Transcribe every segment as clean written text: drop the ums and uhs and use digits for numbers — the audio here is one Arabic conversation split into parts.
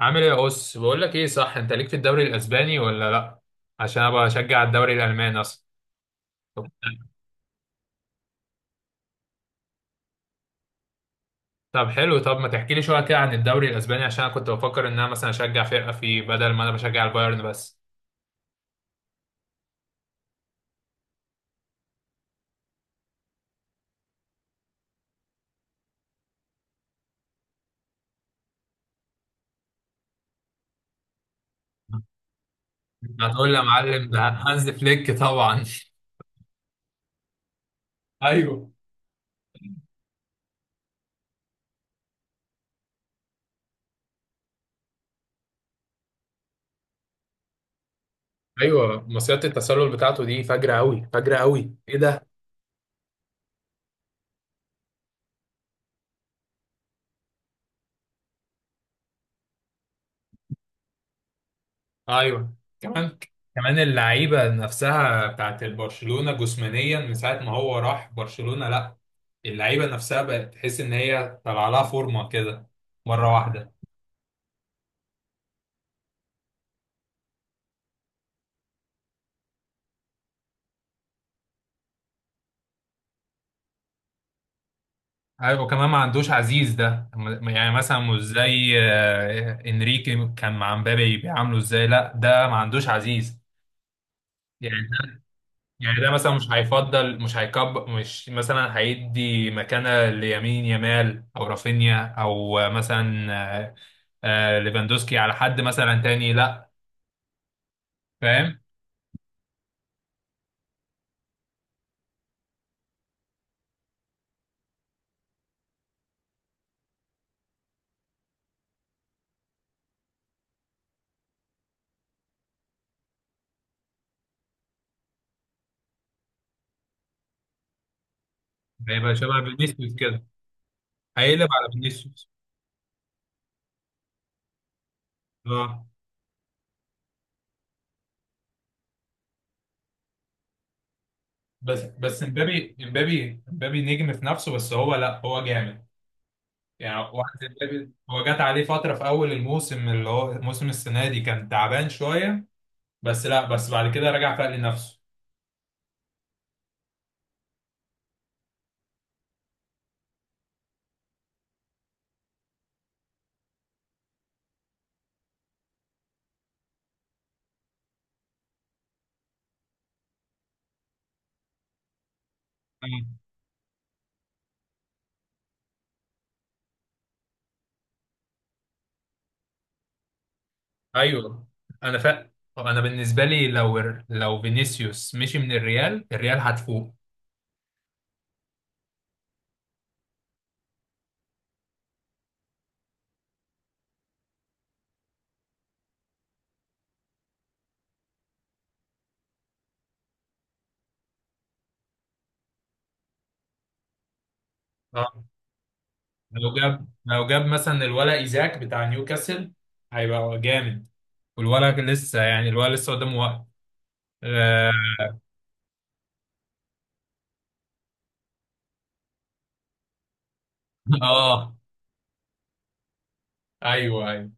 عامل ايه يا اس، بقول لك ايه، صح انت ليك في الدوري الاسباني ولا لا؟ عشان انا بشجع الدوري الالماني اصلا. طب. طب حلو. طب ما تحكي لي شويه كده عن الدوري الاسباني، عشان انا كنت بفكر ان انا مثلا اشجع فرقه فيه بدل ما انا بشجع البايرن بس. هتقول لي يا معلم، ده هانز فليك طبعا. ايوه. ايوه، مصيدة التسلل بتاعته دي فجرة قوي، فجرة قوي، ايه ده؟ ايوه. كمان، كمان اللعيبه نفسها بتاعت البرشلونه جسمانيا من ساعه ما هو راح برشلونه، لا اللعيبه نفسها بقت تحس ان هي طلع لها فورمه كده مره واحده. ايوه، وكمان ما عندوش عزيز، ده يعني مثلا مش زي انريكي كان مع مبابي بيعامله ازاي، لا ده ما عندوش عزيز. يعني ده يعني ده مثلا مش هيفضل، مش هيكب، مش مثلا هيدي مكانة ليمين يامال او رافينيا او مثلا آه، ليفاندوسكي على حد مثلا تاني، لا فاهم. هيبقى شبه فينيسيوس كده، هيقلب على فينيسيوس. اه، بس امبابي امبابي امبابي نجم في نفسه، بس هو لا هو جامد. يعني واحد زي امبابي هو جات عليه فترة في أول الموسم اللي هو موسم السنة دي كان تعبان شوية، بس لا، بس بعد كده رجع فاق لنفسه. مم. ايوه، انا فاق. انا بالنسبة لي، لو فينيسيوس مشي من الريال، الريال هتفوق. اه، لو جاب مثلا الولا ايزاك بتاع نيوكاسل، هيبقى جامد، والولا لسه، يعني الولا لسه قدامه وقت. اه. آه، ايوه، ايوه.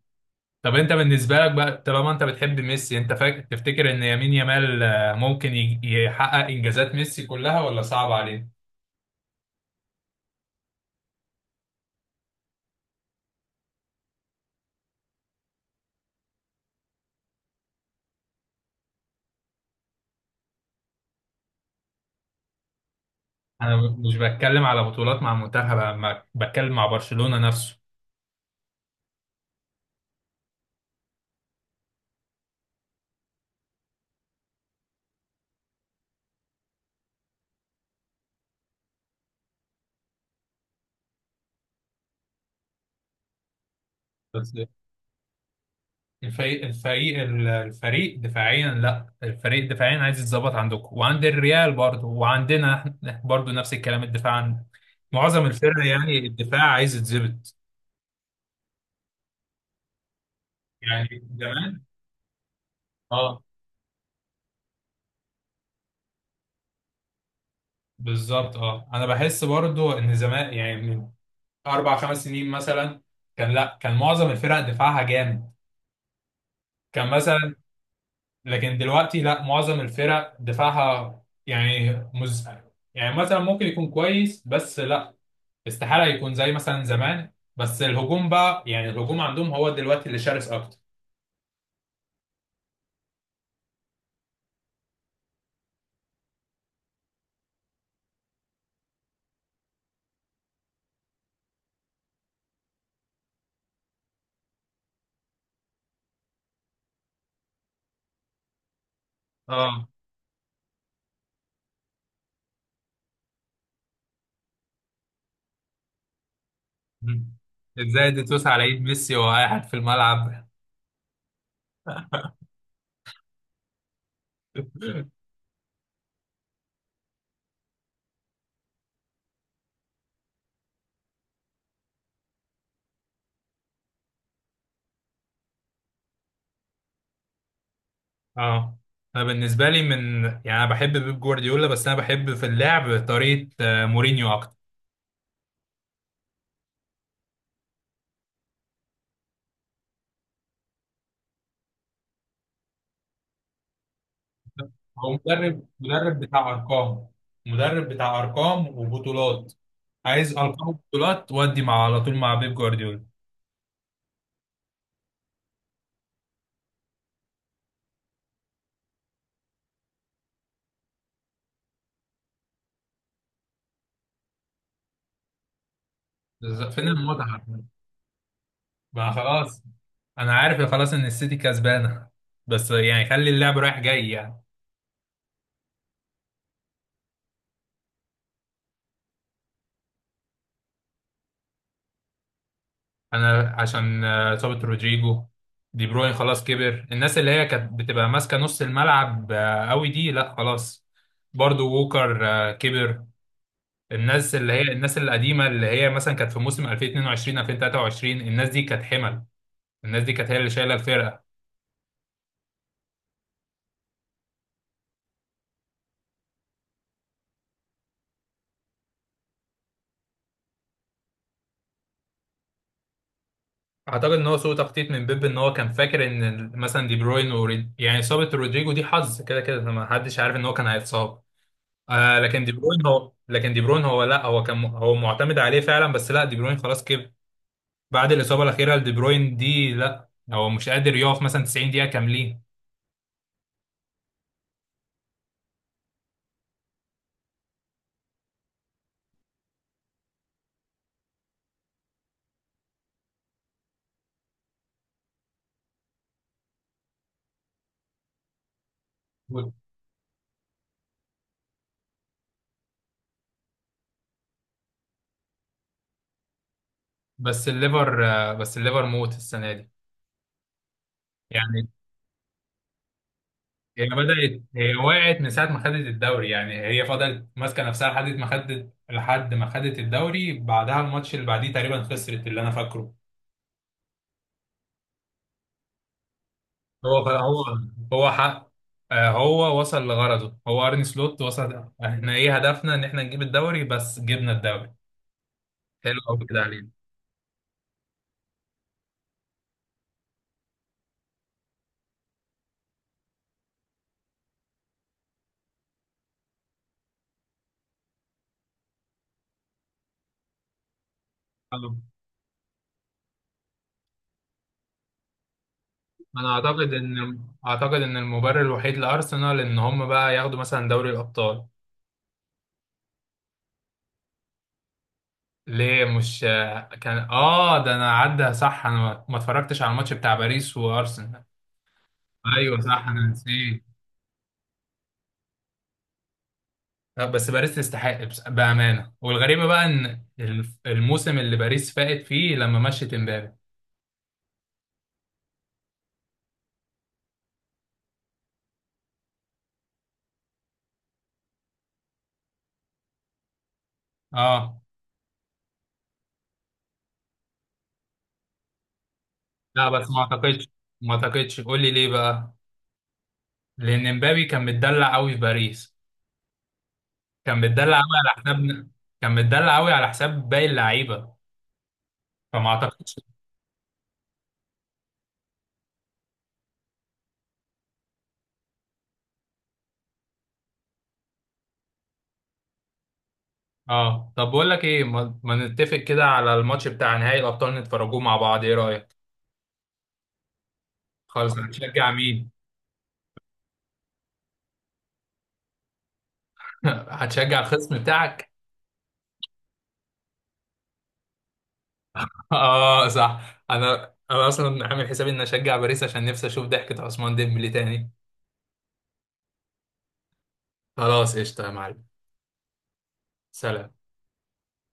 طب انت بالنسبه لك بقى، طالما انت بتحب ميسي، انت فاكر تفتكر ان يمين يامال ممكن يحقق انجازات ميسي كلها ولا صعب عليه؟ انا مش بتكلم على بطولات مع المنتخب، انا بتكلم مع برشلونه نفسه. بس الفريق الفريق الفريق دفاعيا، لا الفريق دفاعيا عايز يتظبط عندكم وعند الريال برضه وعندنا احنا برضه نفس الكلام، الدفاع عندنا معظم الفرق يعني الدفاع عايز يتظبط. يعني زمان. اه، بالظبط، اه، انا بحس برضه ان زمان يعني من اربع خمس سنين مثلا كان، لا كان معظم الفرق دفاعها جامد، كان مثلا. لكن دلوقتي لا معظم الفرق دفاعها، يعني مز يعني مثلا ممكن يكون كويس، بس لا استحالة يكون زي مثلا زمان. بس الهجوم بقى، يعني الهجوم عندهم هو دلوقتي اللي شرس اكتر. اه، مم. ازاي دي توسع على ايد ميسي وهو قاعد في الملعب. اه، انا بالنسبه لي من، يعني انا بحب بيب جوارديولا، بس انا بحب في اللعب طريقه مورينيو اكتر. هو مدرب بتاع ارقام، مدرب بتاع ارقام وبطولات، عايز ارقام وبطولات، ودي مع على طول مع بيب جوارديولا. بالظبط. فين المتعه؟ ما خلاص، انا عارف خلاص ان السيتي كسبانه، بس يعني خلي اللعب رايح جاي يعني. انا عشان اصابه رودريجو، دي بروين خلاص كبر، الناس اللي هي كانت بتبقى ماسكه نص الملعب قوي دي، لا خلاص. برضو ووكر كبر. الناس اللي هي الناس القديمه اللي هي مثلا كانت في موسم 2022 2023، الناس دي كانت حمل، الناس دي كانت هي اللي شايله الفرقه. اعتقد ان هو سوء تخطيط من بيب، ان هو كان فاكر ان مثلا دي بروين يعني اصابه رودريجو دي حظ، كده كده ما حدش عارف ان هو كان هيتصاب. آه لكن دي بروين هو، لا هو كان هو معتمد عليه فعلا، بس لا دي بروين خلاص كبر. بعد الاصابه الاخيره لدي بروين دي، لا هو مش قادر يقف مثلا 90 دقيقه كاملين. بس الليفر موت السنه دي. يعني هي بدأت، هي وقعت من ساعة ما خدت الدوري يعني، هي فضلت ماسكة نفسها لحد ما خدت، لحد ما خدت الدوري، بعدها الماتش اللي بعديه تقريبا خسرت اللي أنا فاكره. هو هو هو حق. هو وصل لغرضه، هو أرني سلوت، وصل احنا ايه هدفنا، ان احنا نجيب الدوري بس، جبنا الدوري، حلو قوي كده علينا. أنا أنا أعتقد إن المبرر الوحيد لأرسنال إن هم بقى ياخدوا مثلا دوري الأبطال. ليه؟ مش كان، اه، ده انا عدى، صح، انا ما اتفرجتش على الماتش بتاع باريس وارسنال. ايوه صح، انا نسيت. لا، بس باريس تستحق، بامانه، والغريبه بقى ان الموسم اللي باريس فاقت فيه لما مشت امبابي. اه، لا بس ما اعتقدش، قول لي ليه بقى. لان امبابي كان متدلع قوي في باريس، كان متدلع قوي على حساب كان متدلع قوي على حساب باقي اللعيبه، فما اعتقدش. اه، طب بقول لك ايه، ما نتفق كده على الماتش بتاع نهائي الابطال، نتفرجوه مع بعض، ايه رايك؟ خالص، هتشجع مين؟ هتشجع الخصم بتاعك. اه صح، انا اصلا عامل حسابي اني اشجع باريس، عشان نفسي اشوف ضحكة عثمان ديمبلي تاني. خلاص قشطه يا معلم. سلام.